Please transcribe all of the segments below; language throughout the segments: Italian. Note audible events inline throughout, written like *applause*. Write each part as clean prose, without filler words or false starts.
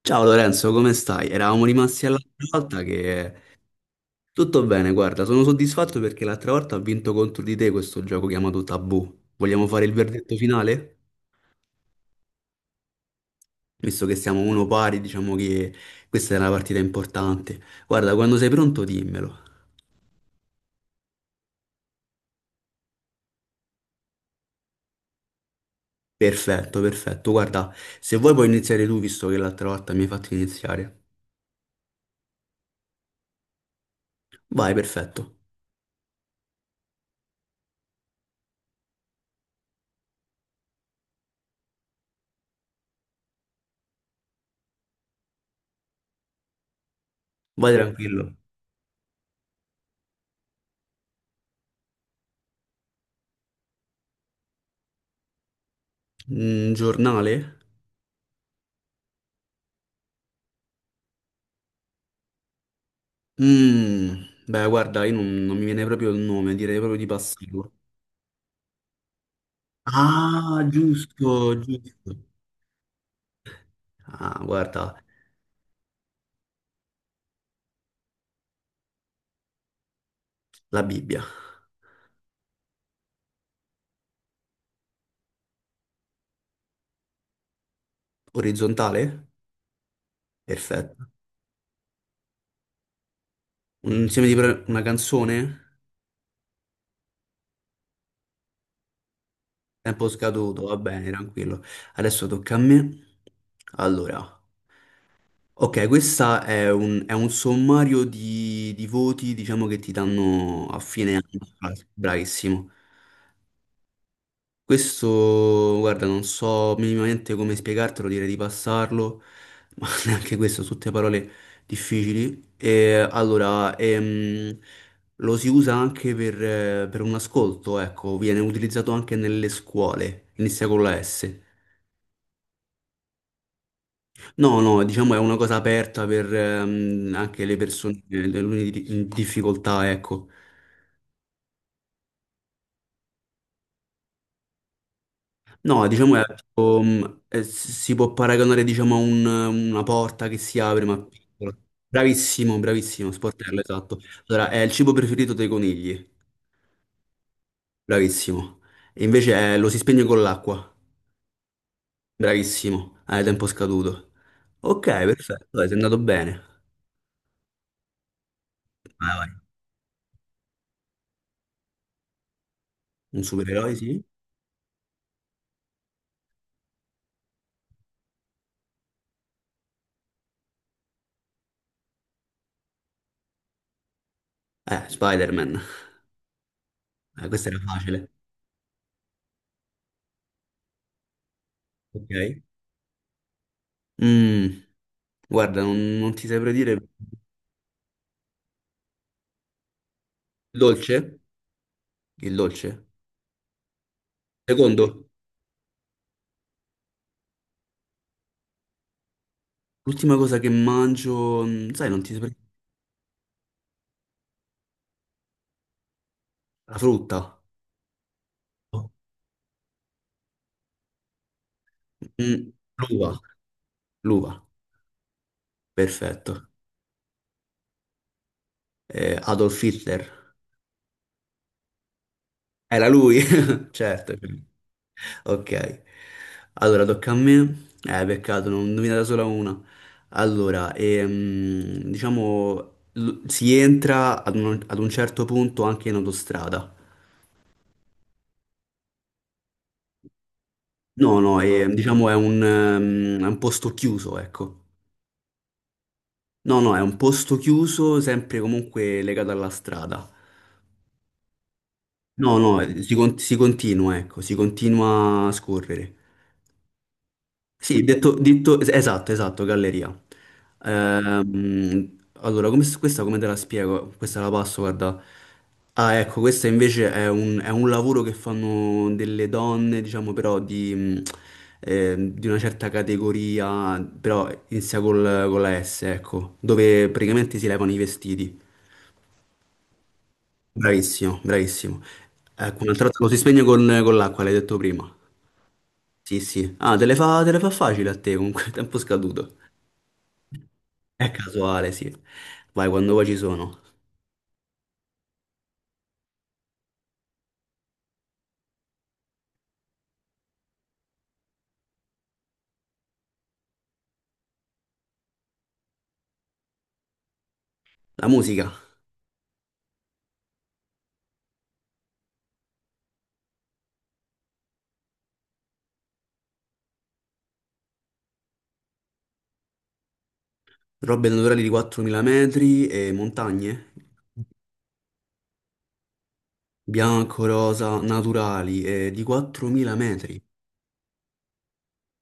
Ciao Lorenzo, come stai? Eravamo rimasti all'altra volta che... Tutto bene, guarda, sono soddisfatto perché l'altra volta ho vinto contro di te questo gioco chiamato Tabù. Vogliamo fare il verdetto finale? Visto che siamo uno pari, diciamo che questa è una partita importante. Guarda, quando sei pronto dimmelo. Perfetto, perfetto. Guarda, se vuoi puoi iniziare tu, visto che l'altra volta mi hai fatto iniziare. Vai, perfetto. Vai tranquillo. Mm, giornale? Mm, beh, guarda, io non mi viene proprio il nome, direi proprio di passarlo. Ah, giusto, giusto. Ah, guarda, la Bibbia. Orizzontale? Perfetto. Un insieme di pre- Una canzone? Tempo scaduto, va bene, tranquillo. Adesso tocca a me. Allora, ok, questa è un sommario di voti, diciamo, che ti danno a fine anno. Ah, bravissimo. Questo, guarda, non so minimamente come spiegartelo, direi di passarlo, ma *laughs* neanche questo, sono tutte parole difficili. E allora, lo si usa anche per un ascolto, ecco, viene utilizzato anche nelle scuole, inizia con la S. No, no, diciamo è una cosa aperta per anche le persone, le alunni di difficoltà, ecco. No, diciamo è tipo, si può paragonare diciamo a una porta che si apre ma piccola. Bravissimo, bravissimo, sportello, esatto. Allora, è il cibo preferito dei conigli, bravissimo. Lo si spegne con l'acqua, bravissimo, hai tempo scaduto. Ok, perfetto, dai, sei andato bene. Vai, vai. Un supereroe, sì? Spider-Man. Questa era facile. Ok. Mm, guarda, non ti saprei dire... Il dolce? Il dolce? Secondo? L'ultima cosa che mangio, sai, non ti saprei. La frutta. Mm, l'uva. L'uva, perfetto. Adolf Hitler. Era lui, *laughs* certo. Ok. Allora, tocca a me. Peccato, non ho indovinato solo una. Allora, si entra ad un certo punto anche in autostrada. No, no, è un posto chiuso, ecco. No, no, è un posto chiuso, sempre comunque legato alla strada. No, no, si continua, ecco, si continua a scorrere. Sì, esatto, galleria. Questa come te la spiego? Questa la passo, guarda. Ah, ecco, questo invece è un lavoro che fanno delle donne, diciamo, però di una certa categoria, però con la S, ecco, dove praticamente si levano i vestiti. Bravissimo, bravissimo. Ecco, un'altra volta lo si spegne con l'acqua, l'hai detto prima. Sì, sì. Ah, te le fa facile a te, comunque, *laughs* tempo scaduto. È casuale, sì. Vai, quando vuoi ci sono. La musica. Robe naturali di 4.000 metri e montagne. Bianco, rosa, naturali e di 4.000 metri.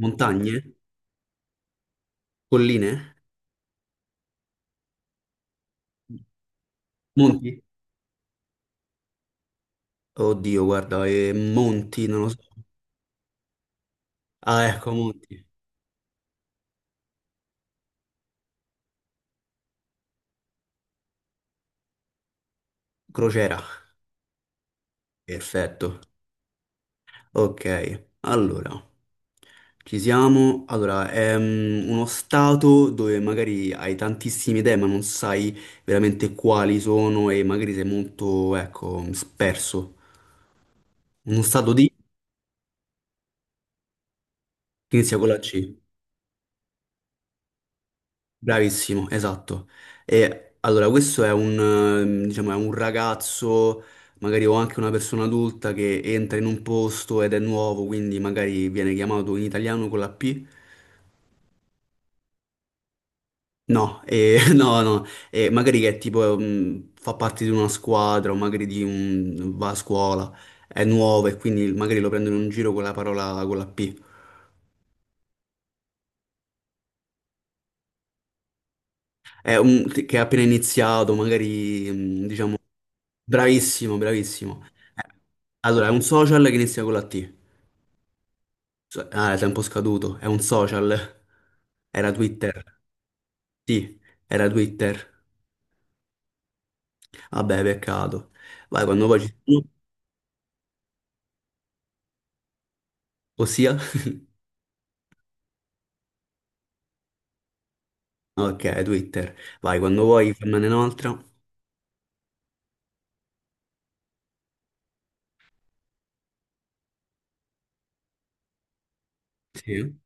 Montagne? Colline? Monti? Oddio, guarda, e monti, non lo so. Ah, ecco, monti. Crociera. Perfetto. Ok, allora. Ci siamo. Allora, è uno stato dove magari hai tantissime idee, ma non sai veramente quali sono e magari sei molto, ecco, sperso. Uno stato di che inizia con la C. Bravissimo, esatto. E allora, questo è un, diciamo, è un ragazzo, magari o anche una persona adulta che entra in un posto ed è nuovo, quindi magari viene chiamato in italiano con la P. No, *laughs* no, no, magari che tipo fa parte di una squadra o magari di un, va a scuola, è nuovo e quindi magari lo prendono in giro con la parola con la P. È un, che ha appena iniziato, magari diciamo bravissimo, bravissimo. Eh, Allora, è un social che inizia con la T. È tempo scaduto, è un social. Era Twitter. Sì, era Twitter. Vabbè, peccato. Vai, quando poi ci sono, ossia. *laughs* Ok, Twitter. Vai, quando vuoi fammene un'altra. Sì.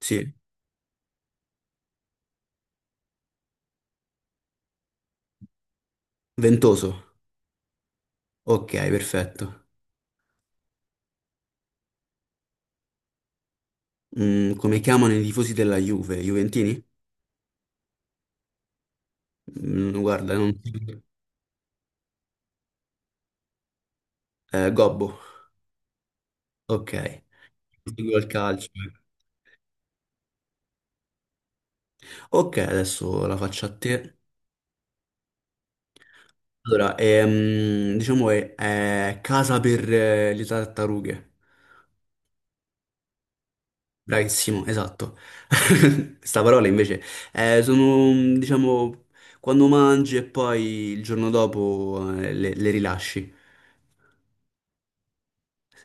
Sì. Ventoso. Ok, perfetto. Mm, come chiamano i tifosi della Juve? Juventini? Mm, guarda, non... so. Gobbo. Ok. Non seguo il calcio. Ok, adesso la faccio a te. Allora, diciamo è casa per le tartarughe. Bravissimo, esatto. *laughs* Sta parola invece sono, diciamo, quando mangi e poi il giorno dopo le rilasci.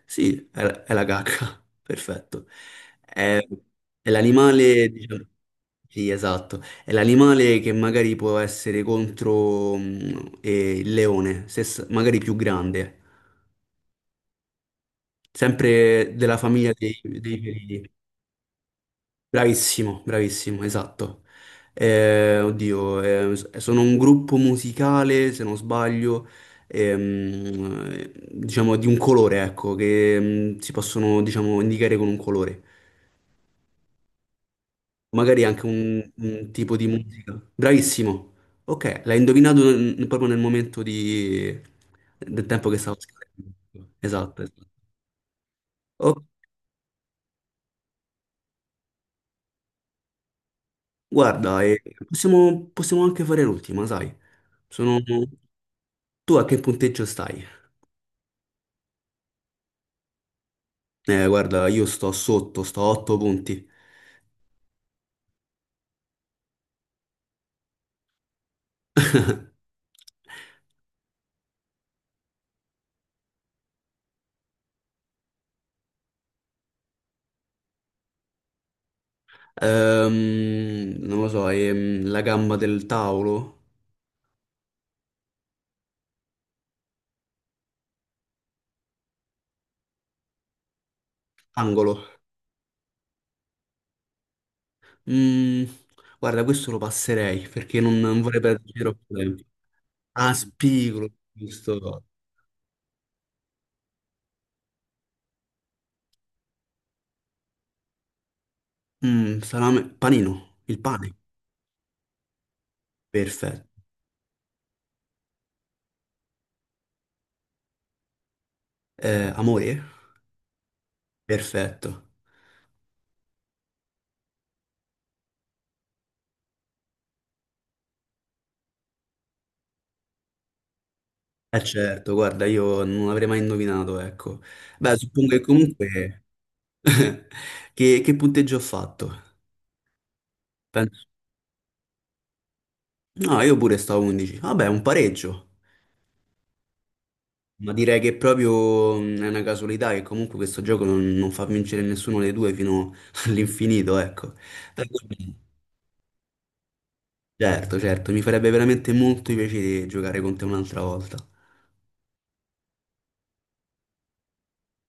Sì, è la cacca, *laughs* perfetto. È, è l'animale, diciamo, sì, esatto. È l'animale che magari può essere contro il leone, se s- magari più grande, sempre della famiglia dei felini. Bravissimo, bravissimo, esatto. Sono un gruppo musicale, se non sbaglio, diciamo di un colore, ecco, che si possono, diciamo, indicare con un colore. Magari anche un tipo di musica. Bravissimo. Ok, l'hai indovinato proprio nel momento di- del tempo che stavo scrivendo. Esatto, esatto. Oh, guarda, possiamo anche fare l'ultima, sai? Sono... Tu a che punteggio stai? Guarda, io sto sotto, sto a 8 punti. *laughs* Non lo so, la gamba del tavolo? Angolo. Mm, guarda, questo lo passerei perché non vorrei perderci troppo tempo. Ah, spigolo, giusto. Mm, salame, panino, il pane. Perfetto. Amore? Perfetto. Eh certo, guarda, io non avrei mai indovinato, ecco. Beh, suppongo che comunque... *laughs* che punteggio ho fatto? No, io pure stavo 11. Vabbè, un pareggio. Ma direi che proprio è una casualità che comunque questo gioco non fa vincere nessuno dei due fino *laughs* all'infinito, ecco. Per cui- Certo, certo, mi farebbe veramente molto piacere giocare con te un'altra volta.